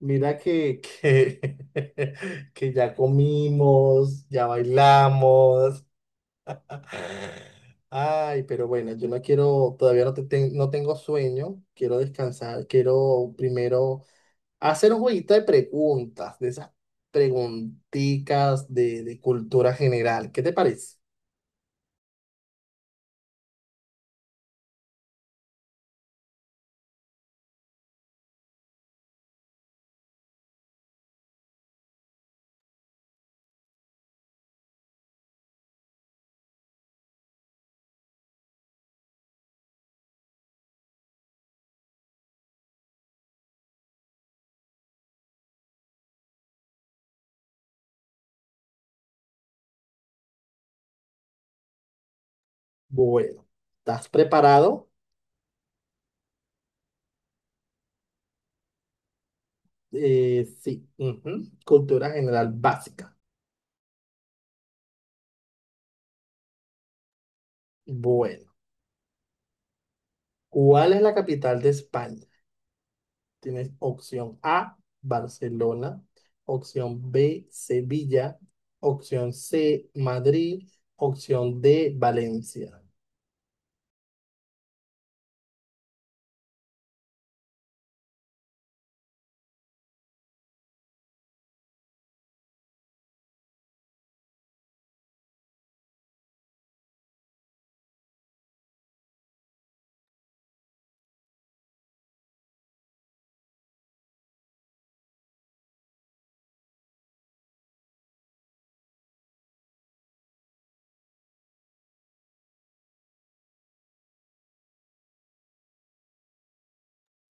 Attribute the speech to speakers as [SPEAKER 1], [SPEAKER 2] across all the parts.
[SPEAKER 1] Mira que ya comimos, ya bailamos. Ay, pero bueno, yo no quiero, todavía no, no tengo sueño, quiero descansar, quiero primero hacer un jueguito de preguntas, de esas preguntitas de cultura general. ¿Qué te parece? Bueno, ¿estás preparado? Sí, ujú, cultura general básica. Bueno, ¿cuál es la capital de España? Tienes opción A, Barcelona, opción B, Sevilla, opción C, Madrid, opción D, Valencia.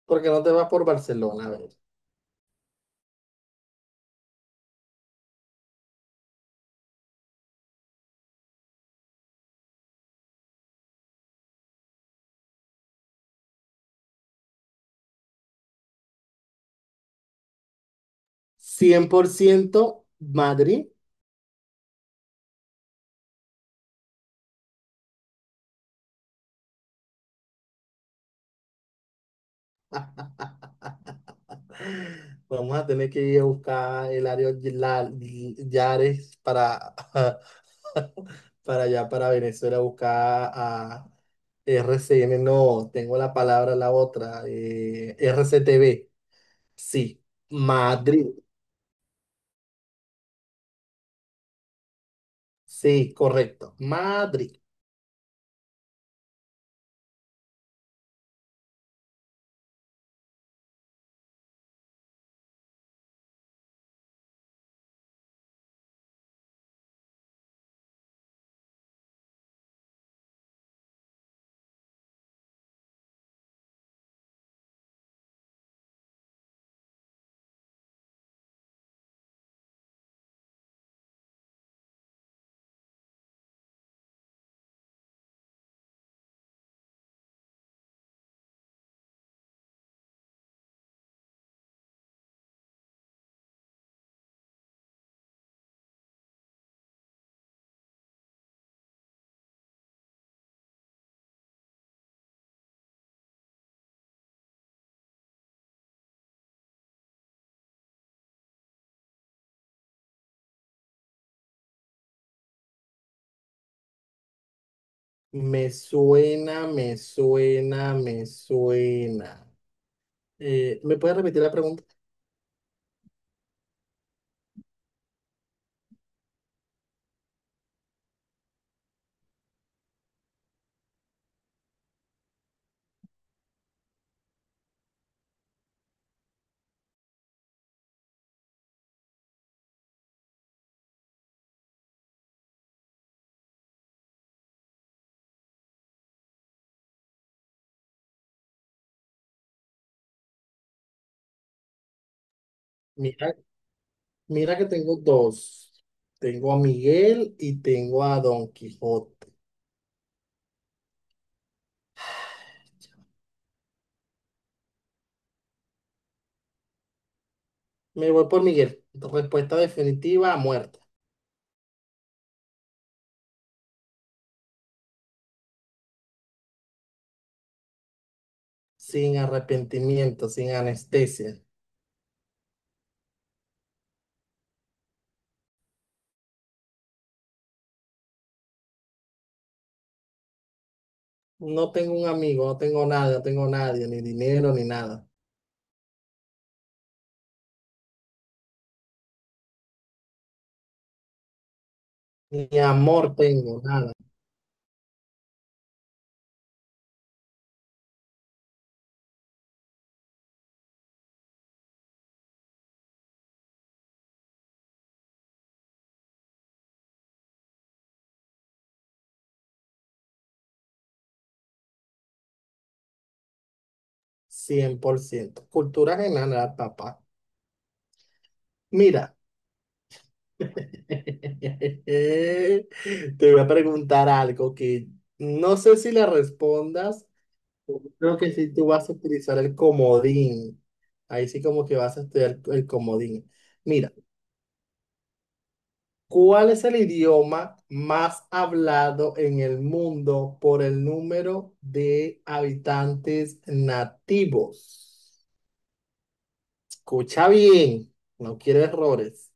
[SPEAKER 1] ¿Por qué no te vas por Barcelona? A ver. Cien por ciento Madrid. Vamos a tener que ir a buscar el área Yares para, para allá, para Venezuela, a buscar a RCN. No, tengo la palabra, la otra. RCTV. Sí, Madrid. Sí, correcto. Madrid. Me suena, me suena, me suena. ¿Me puedes repetir la pregunta? Mira, mira que tengo dos. Tengo a Miguel y tengo a Don Quijote. Me voy por Miguel. Respuesta definitiva, muerta. Sin arrepentimiento, sin anestesia. No tengo un amigo, no tengo nada, no tengo nadie, ni dinero, ni nada. Ni amor tengo, nada. 100%. Cultura general, papá. Mira. Te voy a preguntar algo que no sé si le respondas. Creo que si tú vas a utilizar el comodín. Ahí sí como que vas a estudiar el comodín. Mira, ¿cuál es el idioma más hablado en el mundo por el número de habitantes nativos? Escucha bien, no quiero errores.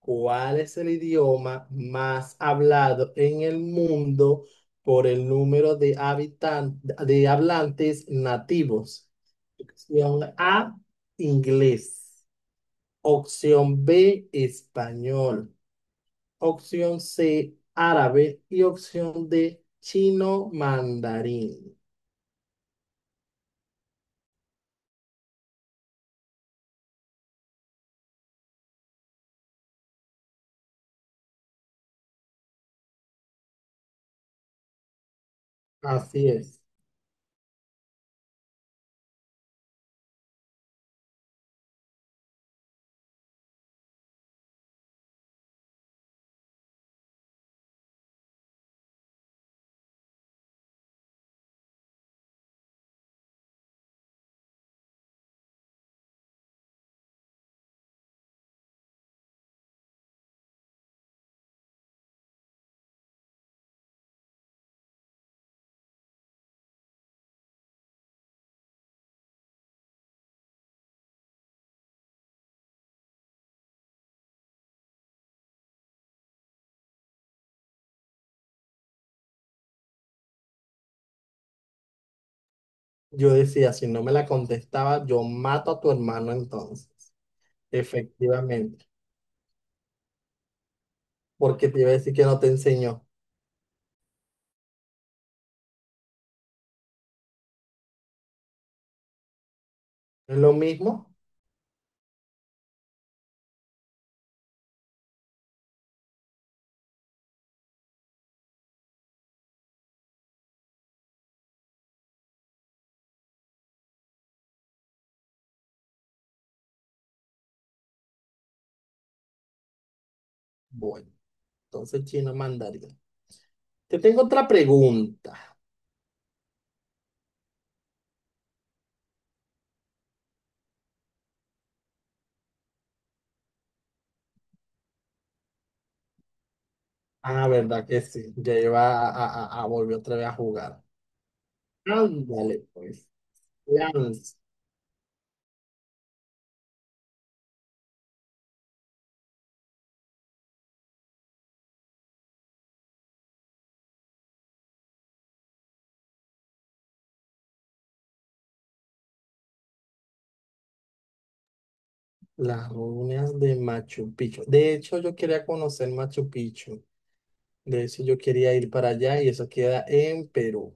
[SPEAKER 1] ¿Cuál es el idioma más hablado en el mundo por el número de habitan de hablantes nativos? Opción A, inglés. Opción B, español. Opción C, árabe. Y opción D, chino mandarín. Así es. Yo decía, si no me la contestaba, yo mato a tu hermano entonces. Efectivamente. Porque te iba a decir que no te enseñó. ¿No es lo mismo? Bueno, entonces chino mandarín. Te tengo otra pregunta. Ah, verdad que sí. Ya iba a volver otra vez a jugar. Ándale, pues. Lanz- Las ruinas de Machu Picchu. De hecho, yo quería conocer Machu Picchu. De hecho, yo quería ir para allá y eso queda en Perú.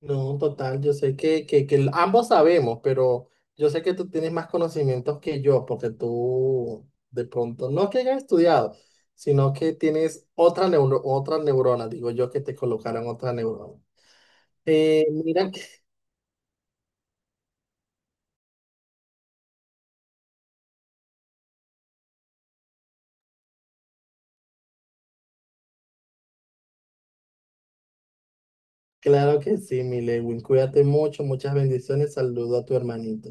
[SPEAKER 1] No, total, yo sé que ambos sabemos, pero yo sé que tú tienes más conocimientos que yo, porque tú de pronto, no que hayas estudiado, sino que tienes otra neurona, digo yo que te colocaron otra neurona. Mira, que- claro que sí, mi Lewin, cuídate mucho, muchas bendiciones, saludo a tu hermanito.